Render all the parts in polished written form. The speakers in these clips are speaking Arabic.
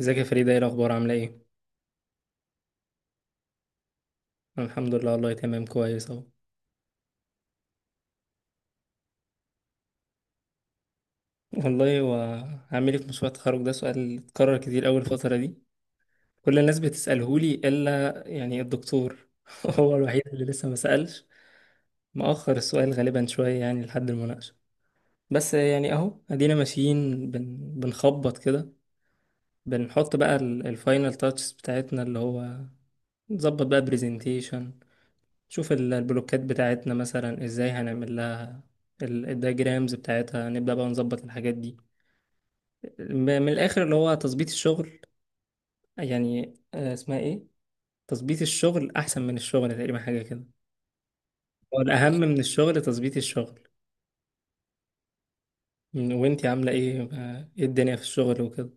ازيك يا فريدة، ايه الأخبار، عاملة ايه؟ أنا الحمد لله والله تمام كويس اهو. والله وعامل ايه في مشروع التخرج ده سؤال اتكرر كتير أول الفترة دي. كل الناس بتسألهولي إلا يعني الدكتور. هو الوحيد اللي لسه ما سألش. مأخر السؤال غالبا شوية يعني لحد المناقشة. بس يعني اهو ادينا ماشيين بنخبط كده. بنحط بقى الفاينل تاتشز بتاعتنا، اللي هو نظبط بقى برزنتيشن، شوف البلوكات بتاعتنا مثلا ازاي هنعمل لها الدياجرامز بتاعتها، نبدأ بقى نظبط الحاجات دي. م- من الآخر اللي هو تظبيط الشغل. يعني آه، اسمها ايه، تظبيط الشغل أحسن من الشغل تقريبا، حاجة كده. هو الأهم من الشغل تظبيط الشغل. وانتي عاملة ايه آه، ايه الدنيا في الشغل وكده؟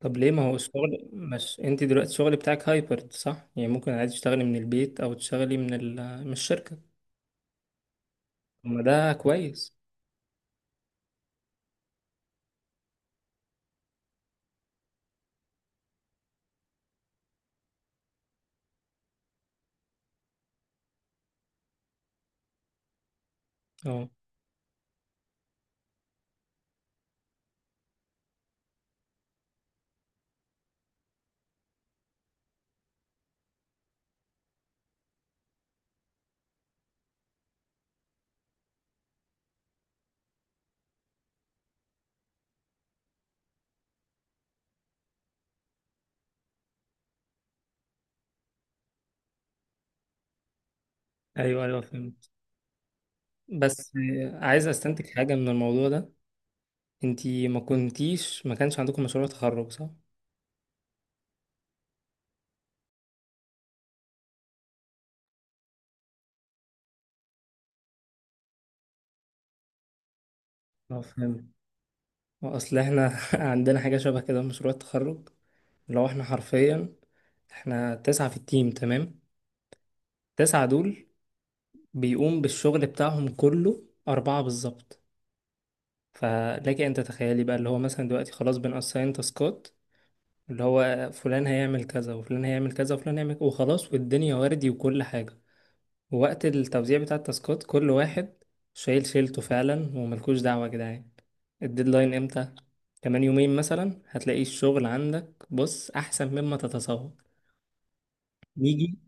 طب ليه، ما هو الشغل، مش انتي دلوقتي الشغل بتاعك هايبرد صح؟ يعني ممكن عادي تشتغلي من البيت أو تشتغلي من من الشركة. طب ما ده كويس. اه، ايوه ايوه فهمت. بس عايز استنتج حاجة من الموضوع ده، انتي ما كانش عندكم مشروع تخرج صح؟ اه فهمت. اصل احنا عندنا حاجة شبه كده في مشروع التخرج. لو احنا حرفيا، احنا تسعة في التيم تمام. تسعة دول بيقوم بالشغل بتاعهم كله أربعة بالظبط. فلك أن تتخيلي بقى، اللي هو مثلا دلوقتي خلاص بنأساين تاسكات، اللي هو فلان هيعمل كذا، وفلان هيعمل كذا، وفلان هيعمل، وخلاص والدنيا وردي وكل حاجة. ووقت التوزيع بتاع التاسكات كل واحد شايل شيلته فعلا وملكوش دعوة يا جدعان، الديدلاين امتى، كمان يومين مثلا، هتلاقي الشغل عندك بص احسن مما تتصور. نيجي،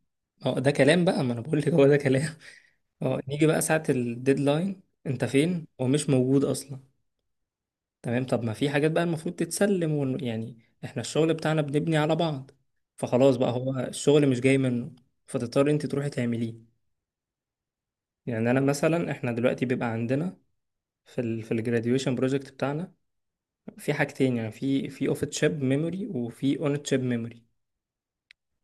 اه ده كلام بقى، ما انا بقول لك هو ده كلام. اه، نيجي بقى ساعة الديدلاين انت فين ومش موجود اصلا. تمام، طب ما في حاجات بقى المفروض تتسلم يعني احنا الشغل بتاعنا بنبني على بعض، فخلاص بقى هو الشغل مش جاي منه، فتضطر انت تروحي تعمليه. يعني انا مثلا، احنا دلوقتي بيبقى عندنا في ال في الجراديويشن بروجكت بتاعنا في حاجتين، يعني في اوف تشيب ميموري وفي اون تشيب ميموري.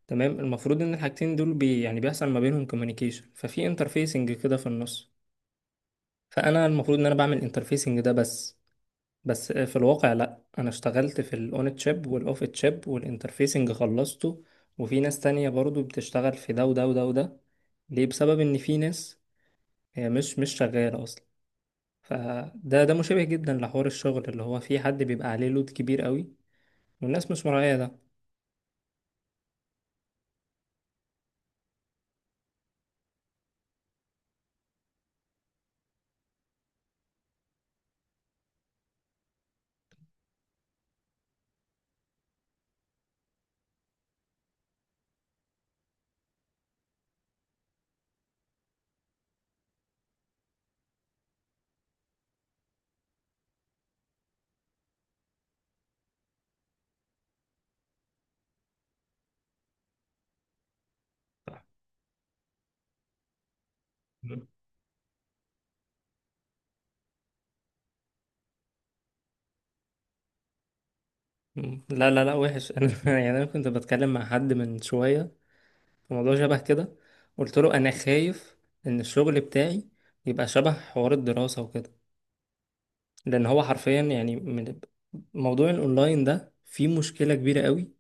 تمام، المفروض ان الحاجتين دول بي يعني بيحصل ما بينهم كوميونيكيشن، ففي انترفيسنج كده في النص. فانا المفروض ان انا بعمل انترفيسنج ده بس. بس في الواقع لا، انا اشتغلت في الاون تشيب والاوف تشيب والانترفيسنج خلصته. وفي ناس تانية برضو بتشتغل في ده وده وده وده. ليه؟ بسبب ان في ناس هي مش شغالة اصلا. فده ده مشابه جدا لحوار الشغل، اللي هو في حد بيبقى عليه لود كبير قوي والناس مش مراعية ده. مم. لا لا لا وحش. انا يعني انا كنت بتكلم مع حد من شويه في موضوع شبه كده. قلت له انا خايف ان الشغل بتاعي يبقى شبه حوار الدراسه وكده، لان هو حرفيا، يعني من موضوع الاونلاين ده فيه مشكله كبيره قوي.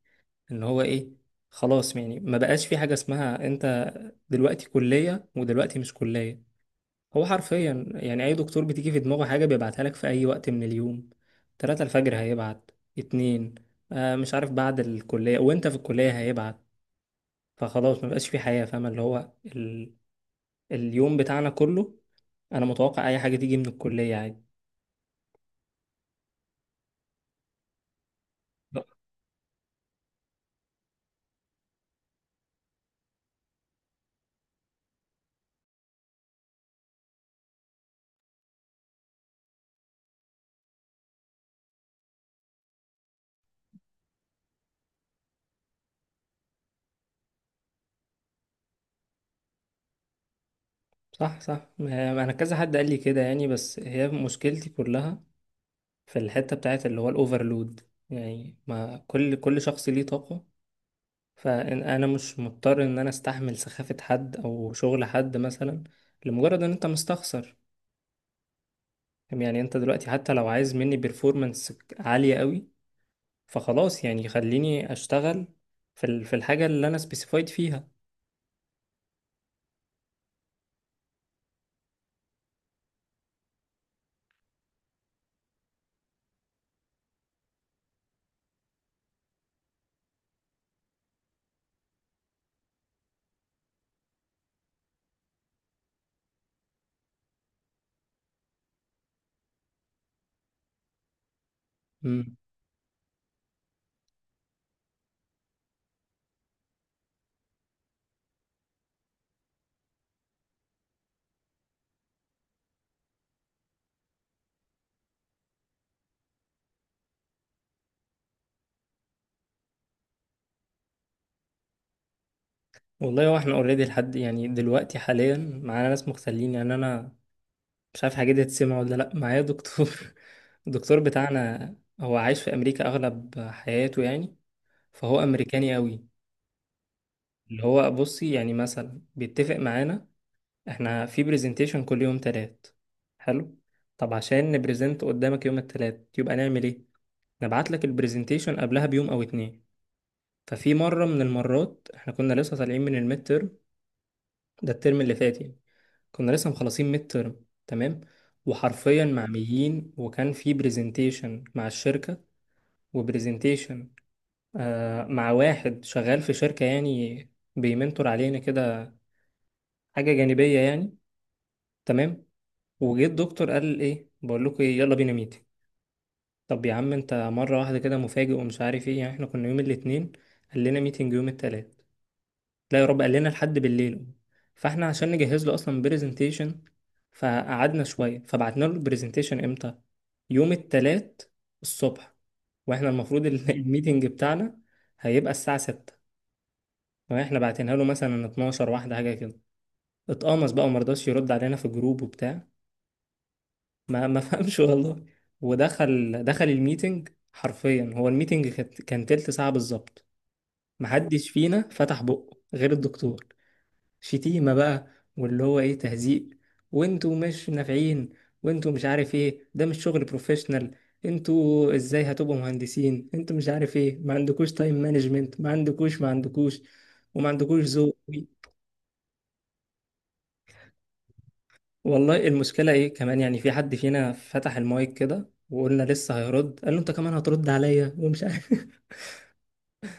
ان هو ايه، خلاص يعني ما بقاش في حاجه اسمها انت دلوقتي كليه ودلوقتي مش كليه. هو حرفيا يعني اي دكتور بتيجي في دماغه حاجه بيبعتها لك في اي وقت من اليوم. 3 الفجر هيبعت، 2 آه مش عارف، بعد الكليه وانت في الكليه هيبعت. فخلاص ما بقاش في حياه، فاهم، اللي هو اليوم بتاعنا كله انا متوقع اي حاجه تيجي من الكليه عادي. صح صح، ما انا كذا حد قال لي كده يعني. بس هي مشكلتي كلها في الحته بتاعت اللي هو الاوفرلود. يعني ما كل شخص ليه طاقه. فانا مش مضطر ان انا استحمل سخافة حد او شغل حد مثلا لمجرد ان انت مستخسر. يعني انت دلوقتي حتى لو عايز مني بيرفورمانس عالية قوي، فخلاص يعني خليني اشتغل في في الحاجة اللي انا سبيسيفايد فيها. مم. والله هو احنا اوريدي لحد يعني دلوقتي حاليا معانا ناس مغتالين، يعني انا مش عارف حاجة دي هتسمع ولا لا. معايا دكتور الدكتور بتاعنا هو عايش في امريكا اغلب حياته يعني، فهو امريكاني قوي. اللي هو بصي يعني مثلا بيتفق معانا، احنا في برزنتيشن كل يوم تلات، حلو، طب عشان نبرزنت قدامك يوم التلات يبقى نعمل ايه؟ نبعت لك البرزنتيشن قبلها بيوم او اتنين. ففي مرة من المرات احنا كنا لسه طالعين من الميد ترم، ده الترم اللي فات يعني. كنا لسه مخلصين ميد ترم تمام، وحرفيا معميين، وكان في برزنتيشن مع الشركة، وبرزنتيشن آه مع واحد شغال في شركة يعني بيمنتور علينا كده، حاجة جانبية يعني. تمام، وجه الدكتور قال ايه، بقول لكم ايه، يلا بينا ميتنج. طب يا عم انت مره واحده كده مفاجئ ومش عارف ايه. يعني احنا كنا يوم الاثنين قال لنا ميتنج يوم الثلاث، لا يا رب، قال لنا لحد بالليل. فاحنا عشان نجهز له اصلا برزنتيشن فقعدنا شويه. فبعتنا له البرزنتيشن امتى؟ يوم الثلاث الصبح، واحنا المفروض الميتنج بتاعنا هيبقى الساعه 6، واحنا بعتينها له مثلا 12 واحده حاجه كده. اتقمص بقى ومرضاش يرد علينا في الجروب وبتاع. ما فهمش والله. ودخل الميتنج حرفيا، هو الميتنج كان تلت ساعة بالظبط. محدش فينا فتح بقه غير الدكتور. شتيمة بقى، واللي هو ايه، تهزيق، وانتوا مش نافعين، وانتوا مش عارف ايه، ده مش شغل بروفيشنال، انتوا ازاي هتبقوا مهندسين، انتوا مش عارف ايه، ما عندكوش تايم مانجمنت، ما عندكوش، ما عندكوش، وما عندكوش ذوق. والله المشكلة ايه، كمان يعني في حد فينا فتح المايك كده وقلنا لسه هيرد، قال له انت كمان هترد عليا ومش عارف.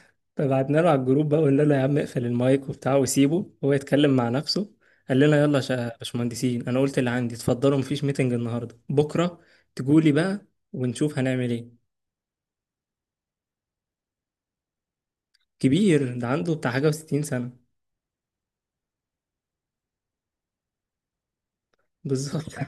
فبعتنا له على الجروب بقى وقلنا له يا عم اقفل المايك وبتاع وسيبه هو يتكلم مع نفسه. قال لنا يلا يا باشمهندسين، انا قلت اللي عندي، اتفضلوا، مفيش ميتنج النهارده، بكره تجولي بقى ونشوف هنعمل ايه. كبير، ده عنده بتاع حاجة وستين سنة. بالظبط.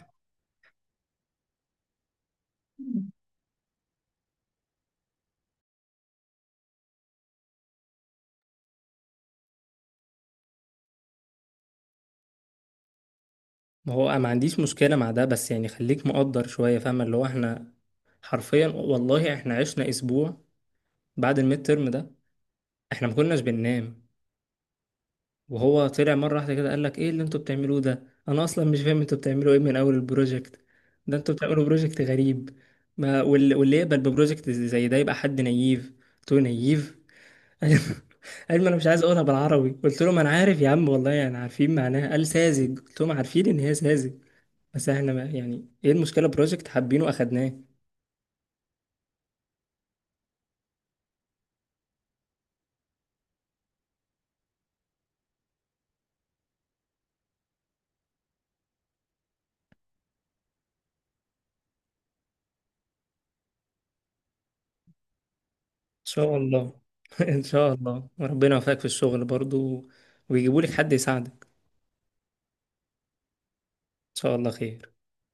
ما هو ما عنديش مشكلة مع ده، بس يعني خليك مقدر شوية، فاهم، اللي هو احنا حرفيا والله احنا عشنا اسبوع بعد الميد ترم ده، احنا ما كناش بننام. وهو طلع مره واحده كده قال لك ايه اللي انتوا بتعملوه ده، انا اصلا مش فاهم انتوا بتعملوا ايه من اول البروجكت، ده انتوا بتعملوا بروجكت غريب، ما واللي يقبل ببروجكت زي ده يبقى حد نييف. قلت له نييف. قال قال ما انا مش عايز اقولها بالعربي. قلت له ما انا عارف يا عم والله، يعني عارفين معناها. قال ساذج، قلت لهم عارفين ان هي ساذج. بس احنا، ما يعني ايه المشكله، بروجكت حابينه اخدناه. ان شاء الله. ان شاء الله، وربنا يوفقك في الشغل برضو ويجيبوا لك حد يساعدك. ان شاء الله خير.